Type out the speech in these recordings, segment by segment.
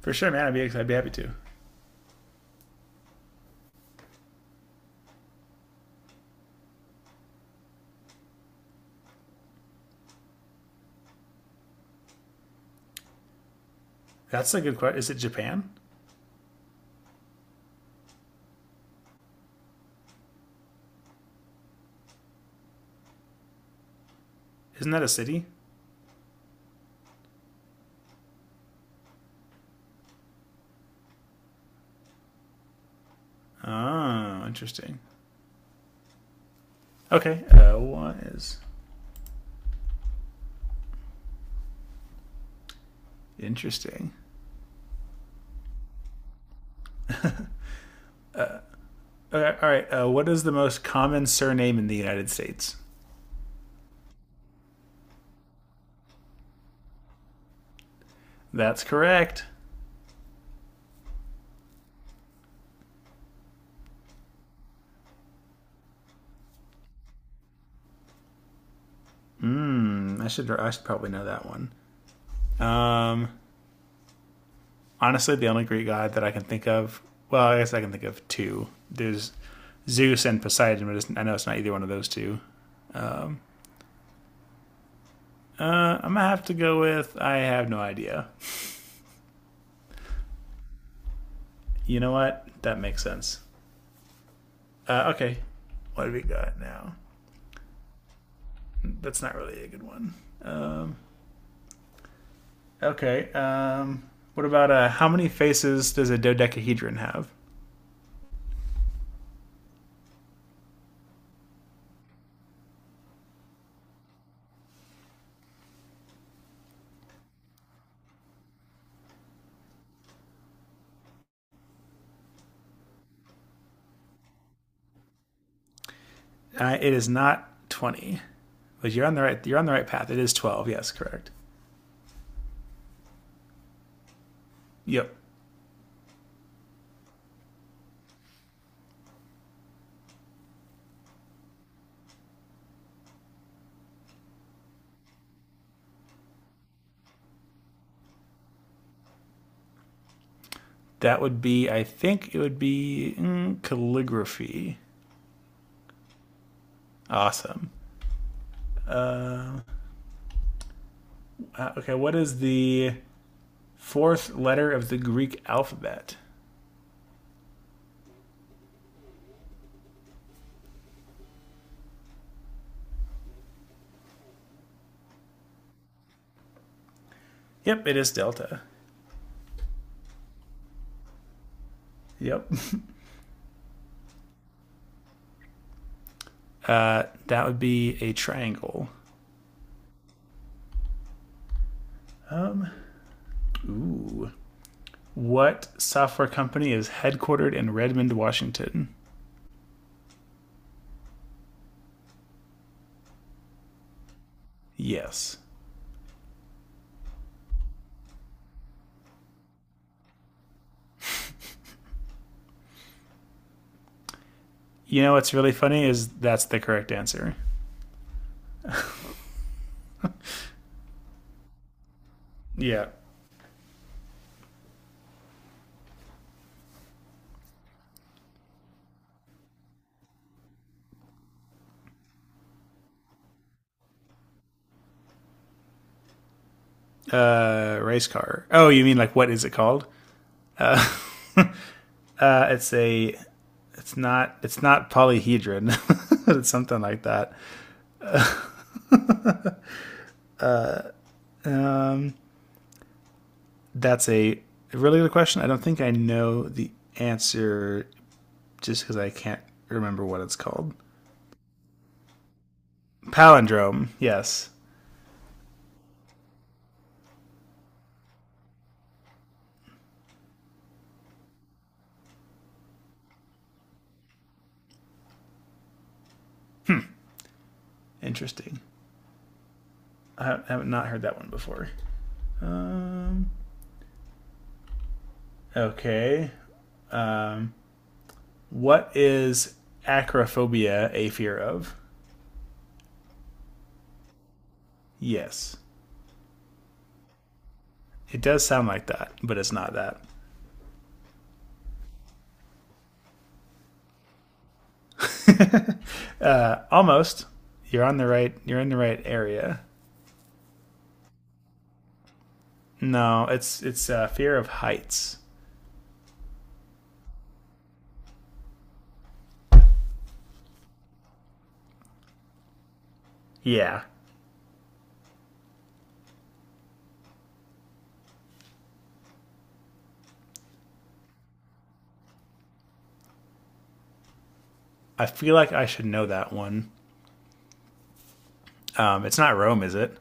For sure, man. I'd be happy to. That's a good question. Is it Japan? Isn't that a city? Oh, interesting. Okay. What is interesting? Okay, all right. What is the most common surname in the United States? That's correct. Mm, I should probably know that one. Um, honestly, the only Greek god that I can think of. Well, I guess I can think of two. There's Zeus and Poseidon, but I know it's not either one of those two. I'm gonna have to go with I have no idea. You know what? That makes sense. Okay. What have we got now? That's not really a good one. Okay. What about how many faces does a dodecahedron have? It is not 20, but You're on the right path. It is 12. Yes, correct. Yep. That would be. I think it would be calligraphy. Awesome. Okay. What is the fourth letter of the Greek alphabet? Yep. It is delta. Yep. That would be a triangle. Ooh. What software company is headquartered in Redmond, Washington? Yes. You know what's really funny is that's the correct answer. Yeah. Race car. Oh, you mean like what is it called? It's a. It's not polyhedron. it's something like that. Um, that's a really good question. I don't think I know the answer just because I can't remember what it's called. Palindrome. Yes. Interesting. I have not heard that one before. Um, okay. What is acrophobia a fear of? Yes. It does sound like that, but it's not that. Almost. You're on the right. You're in the right area. No, it's fear of heights. Yeah, I feel like I should know that one. It's not Rome, is it?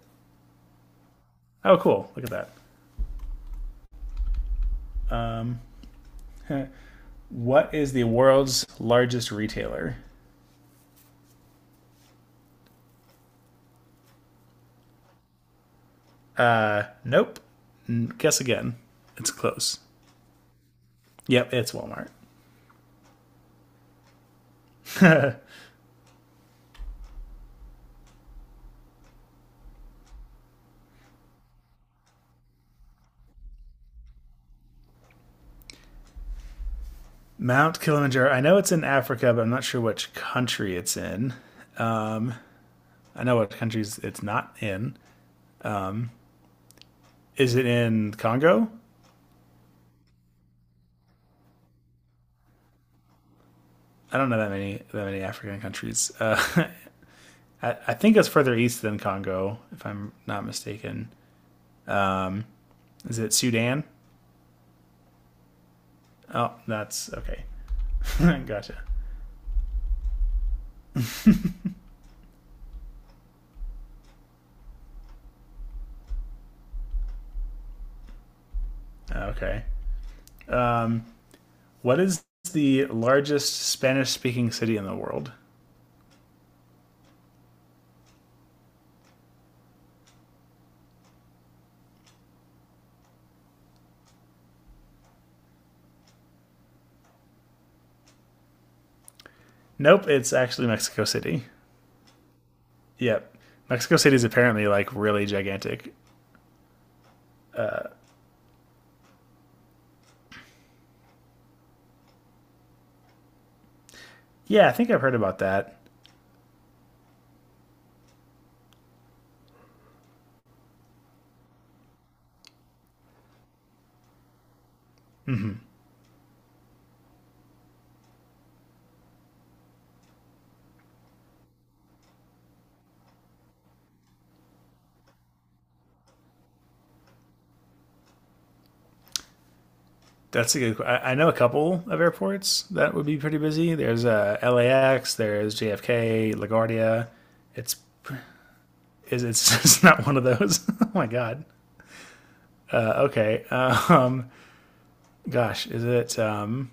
Oh, cool. Look at that. What is the world's largest retailer? Nope. Guess again. It's close. Yep, it's Walmart. Mount Kilimanjaro. I know it's in Africa, but I'm not sure which country it's in. I know what countries it's not in. Is it in Congo? I don't know that many African countries. I think it's further east than Congo, if I'm not mistaken. Is it Sudan? Oh, that's okay. gotcha. Okay. Um, what is the largest Spanish-speaking city in the world? Nope, it's actually Mexico City. Yep, Mexico City is apparently like really gigantic. Yeah, I think I've heard about that. That's a good. I, know a couple of airports that would be pretty busy. There's LAX. There's JFK, LaGuardia. It's it's it's not one of those. oh my god. Okay. Gosh. Is it?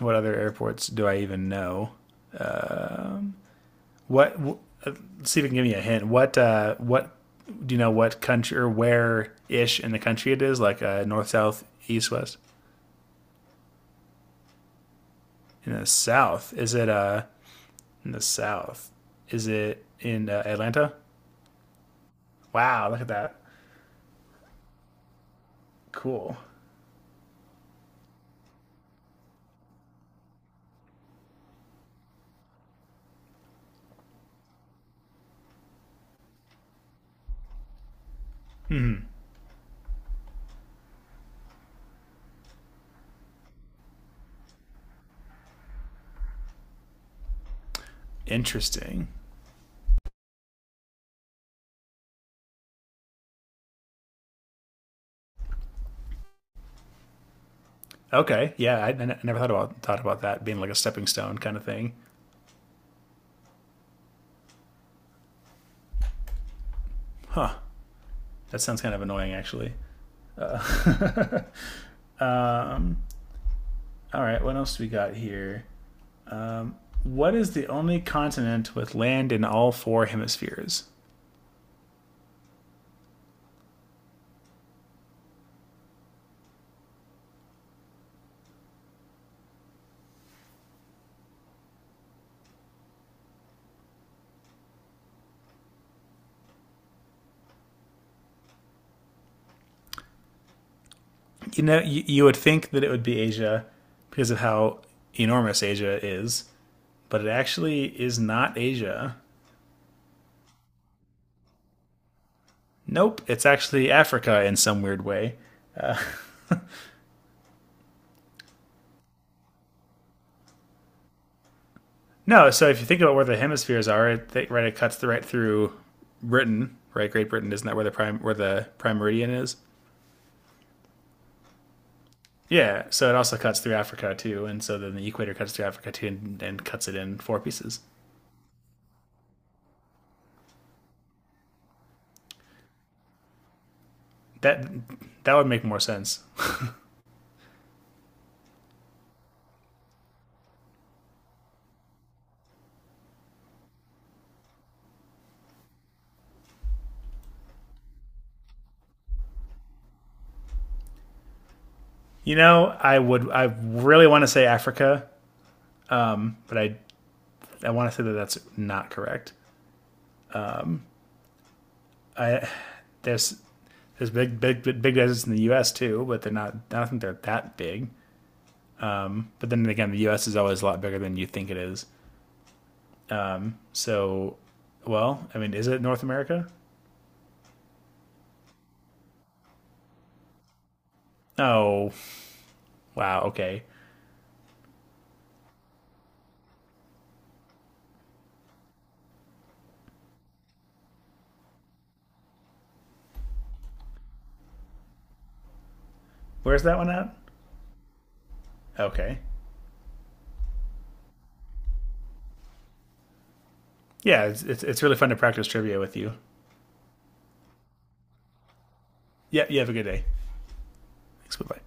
What other airports do I even know? What? W- see if you can give me a hint. What? Do you know what country or where ish in the country it is? Like north, south, east, west. In the south, is it? In the south, is it in Atlanta? Wow, look at that. Cool. Interesting. Okay. Yeah, I never thought about that being like a stepping stone kind of thing. Huh. That sounds kind of annoying, actually. Uh, um, all right. What else do we got here? What is the only continent with land in all four hemispheres? You know, you would think that it would be Asia because of how enormous Asia is, but it actually is not Asia. Nope, it's actually Africa in some weird way. No, so if you think about where the hemispheres are, it cuts the right through Britain, right? Great Britain isn't that where the prime meridian is? Yeah, so it also cuts through Africa too, and so then the equator cuts through Africa too, and cuts it in four pieces. That would make more sense. You know, I really want to say Africa, but I want to say that that's not correct. I there's there's big big big deserts in the U.S. too, but they're not. I don't think they're that big. But then again, the U.S. is always a lot bigger than you think it is. So, well, I mean, is it North America? Oh, wow. Okay, where's that one at? Okay, yeah, it's really fun to practice trivia with you. Yeah, you have a good day. Thanks. Bye bye.